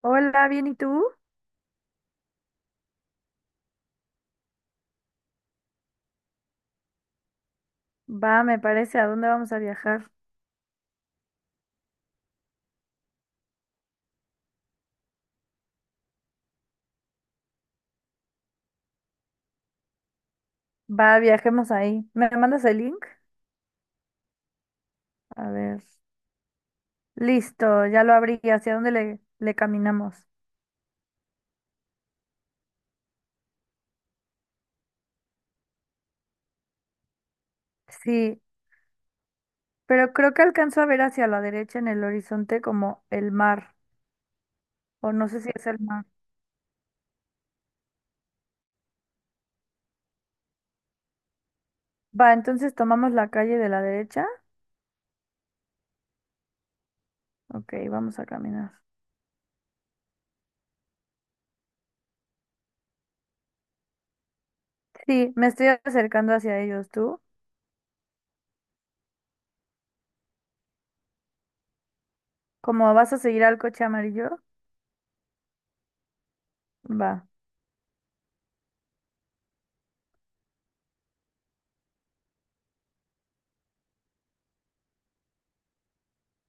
Hola, bien, ¿y tú? Va, me parece, ¿a dónde vamos a viajar? Va, viajemos ahí. ¿Me mandas el link? A ver. Listo, ya lo abrí. ¿Hacia dónde le caminamos? Sí, pero creo que alcanzo a ver hacia la derecha en el horizonte como el mar, o no sé si es el mar. Va, entonces tomamos la calle de la derecha. Ok, vamos a caminar. Sí, me estoy acercando hacia ellos, ¿tú? ¿Cómo vas a seguir al coche amarillo? Va.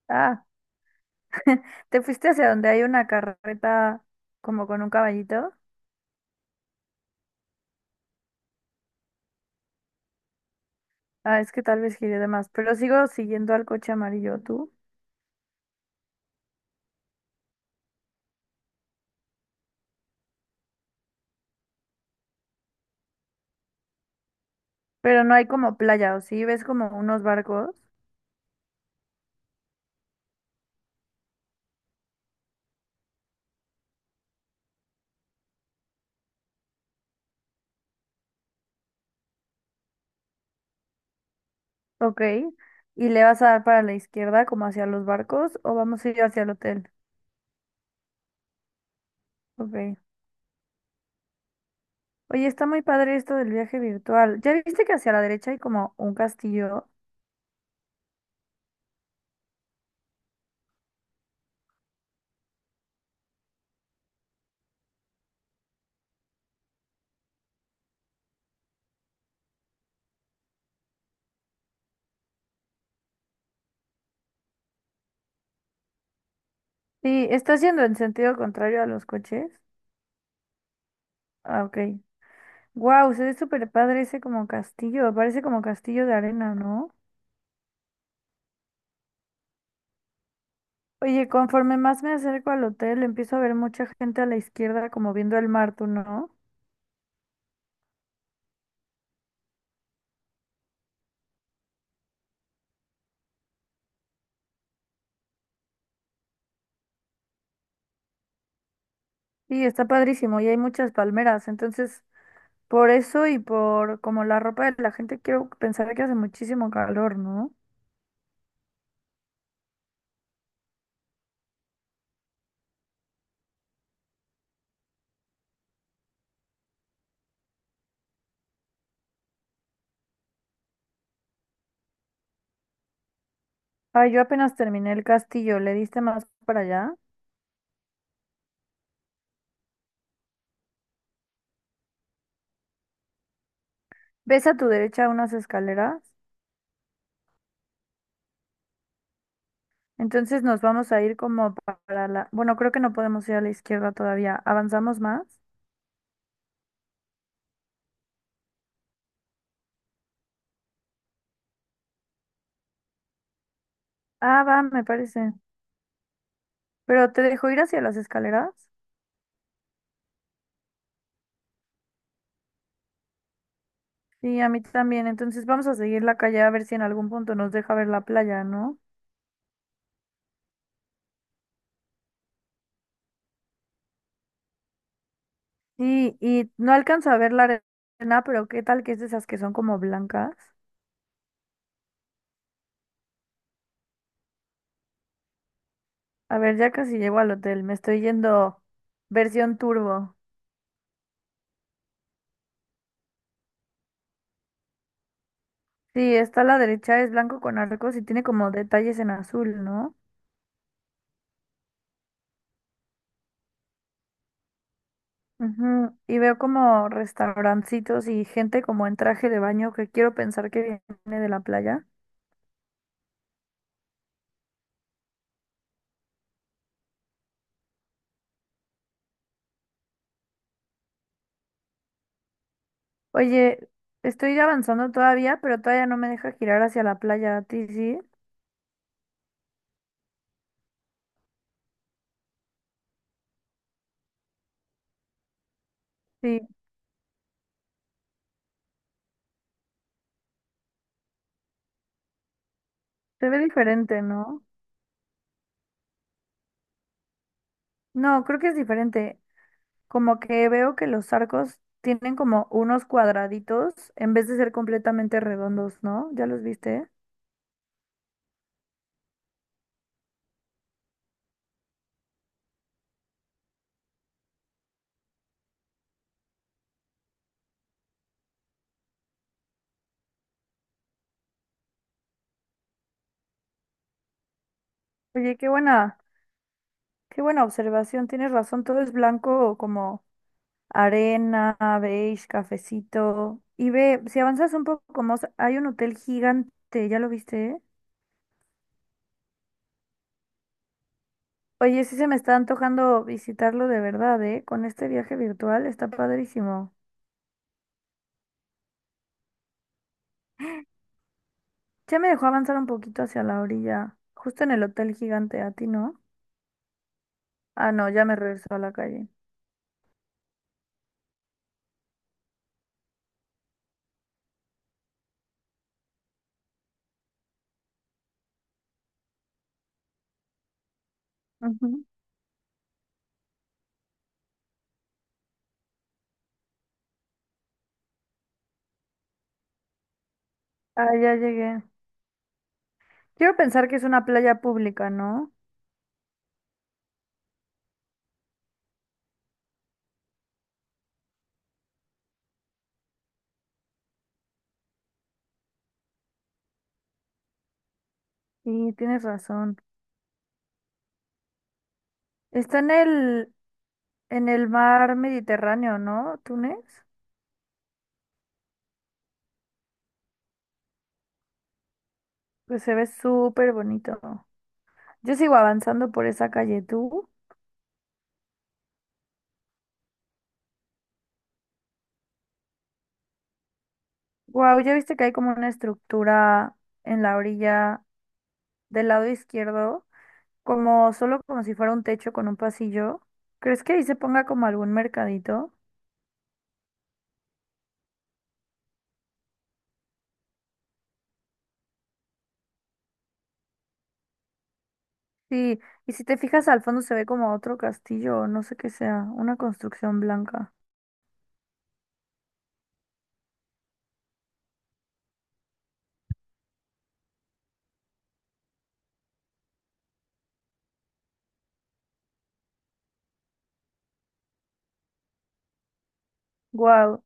Ah. ¿Te fuiste hacia donde hay una carreta como con un caballito? Ah, es que tal vez giré de más, pero sigo siguiendo al coche amarillo tú. Pero no hay como playa, ¿o sí? ¿Ves como unos barcos? Ok. ¿Y le vas a dar para la izquierda como hacia los barcos o vamos a ir hacia el hotel? Ok. Oye, está muy padre esto del viaje virtual. ¿Ya viste que hacia la derecha hay como un castillo? Sí, está yendo en sentido contrario a los coches. Ah, ok. Wow, se ve súper padre ese como castillo. Parece como castillo de arena, ¿no? Oye, conforme más me acerco al hotel, empiezo a ver mucha gente a la izquierda como viendo el mar, ¿tú no? Y está padrísimo y hay muchas palmeras, entonces por eso y por como la ropa de la gente quiero pensar que hace muchísimo calor, ¿no? Ah, yo apenas terminé el castillo, ¿le diste más para allá? ¿Ves a tu derecha unas escaleras? Entonces nos vamos a ir como para la... Bueno, creo que no podemos ir a la izquierda todavía. ¿Avanzamos más? Ah, va, me parece. ¿Pero te dejo ir hacia las escaleras? Sí, a mí también. Entonces vamos a seguir la calle a ver si en algún punto nos deja ver la playa, ¿no? Sí, y no alcanzo a ver la arena, pero ¿qué tal que es de esas que son como blancas? A ver, ya casi llego al hotel. Me estoy yendo versión turbo. Sí, está a la derecha, es blanco con arcos y tiene como detalles en azul, ¿no? Ujú, y veo como restaurancitos y gente como en traje de baño que quiero pensar que viene de la playa. Oye, estoy avanzando todavía, pero todavía no me deja girar hacia la playa, ¿a ti sí? Sí, se ve diferente, ¿no? No, creo que es diferente. Como que veo que los arcos tienen como unos cuadraditos en vez de ser completamente redondos, ¿no? ¿Ya los viste? Oye, qué buena observación. Tienes razón, todo es blanco como arena, beige, cafecito. Y ve, si avanzas un poco más, hay un hotel gigante, ¿ya lo viste? ¿Eh? Oye, sí se me está antojando visitarlo de verdad, ¿eh? Con este viaje virtual está padrísimo. Ya me dejó avanzar un poquito hacia la orilla, justo en el hotel gigante, a ti, ¿no? Ah, no, ya me regresó a la calle. Ujú. Ah, ya llegué. Quiero pensar que es una playa pública, ¿no? Sí, tienes razón. Está en en el mar Mediterráneo, ¿no? Túnez. Pues se ve súper bonito. Yo sigo avanzando por esa calle, ¿tú? Wow, ya viste que hay como una estructura en la orilla del lado izquierdo. Como solo como si fuera un techo con un pasillo. ¿Crees que ahí se ponga como algún mercadito? Sí, y si te fijas al fondo se ve como otro castillo, no sé qué sea, una construcción blanca. Wow.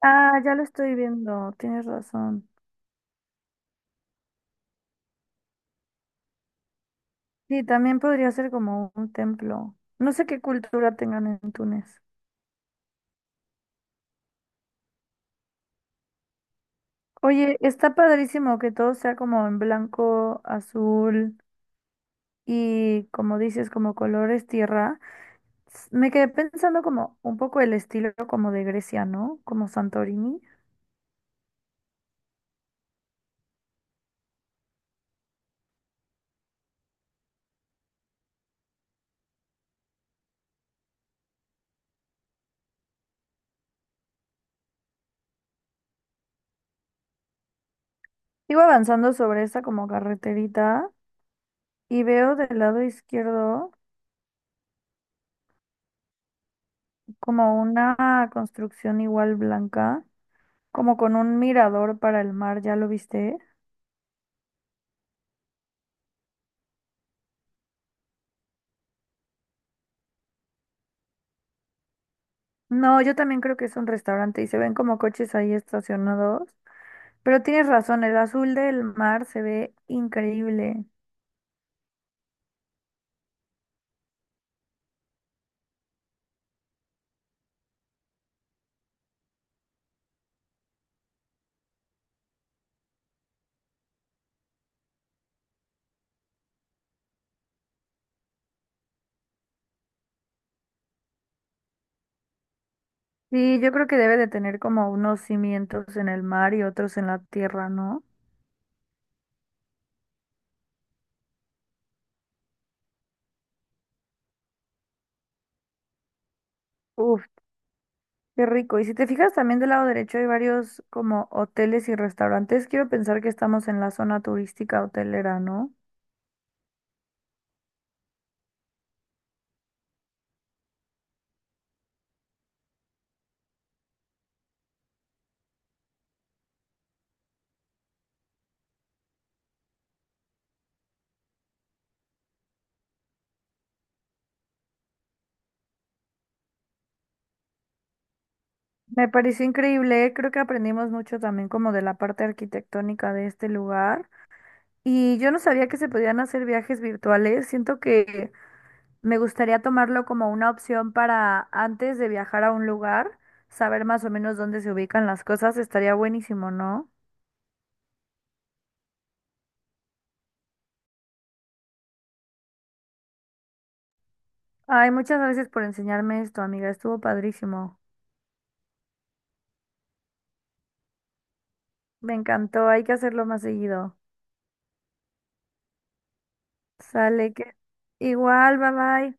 Ah, ya lo estoy viendo, tienes razón. Sí, también podría ser como un templo. No sé qué cultura tengan en Túnez. Oye, está padrísimo que todo sea como en blanco, azul y como dices, como colores tierra. Me quedé pensando como un poco el estilo como de Grecia, ¿no? Como Santorini. Sigo avanzando sobre esa como carreterita y veo del lado izquierdo como una construcción igual blanca, como con un mirador para el mar, ¿ya lo viste? No, yo también creo que es un restaurante y se ven como coches ahí estacionados, pero tienes razón, el azul del mar se ve increíble. Sí, yo creo que debe de tener como unos cimientos en el mar y otros en la tierra, ¿no? Uf, qué rico. Y si te fijas también del lado derecho hay varios como hoteles y restaurantes. Quiero pensar que estamos en la zona turística hotelera, ¿no? Me pareció increíble. Creo que aprendimos mucho también como de la parte arquitectónica de este lugar. Y yo no sabía que se podían hacer viajes virtuales. Siento que me gustaría tomarlo como una opción para antes de viajar a un lugar, saber más o menos dónde se ubican las cosas. Estaría buenísimo, ¿no? Ay, muchas gracias por enseñarme esto, amiga. Estuvo padrísimo. Me encantó, hay que hacerlo más seguido. Sale que... Igual, bye bye.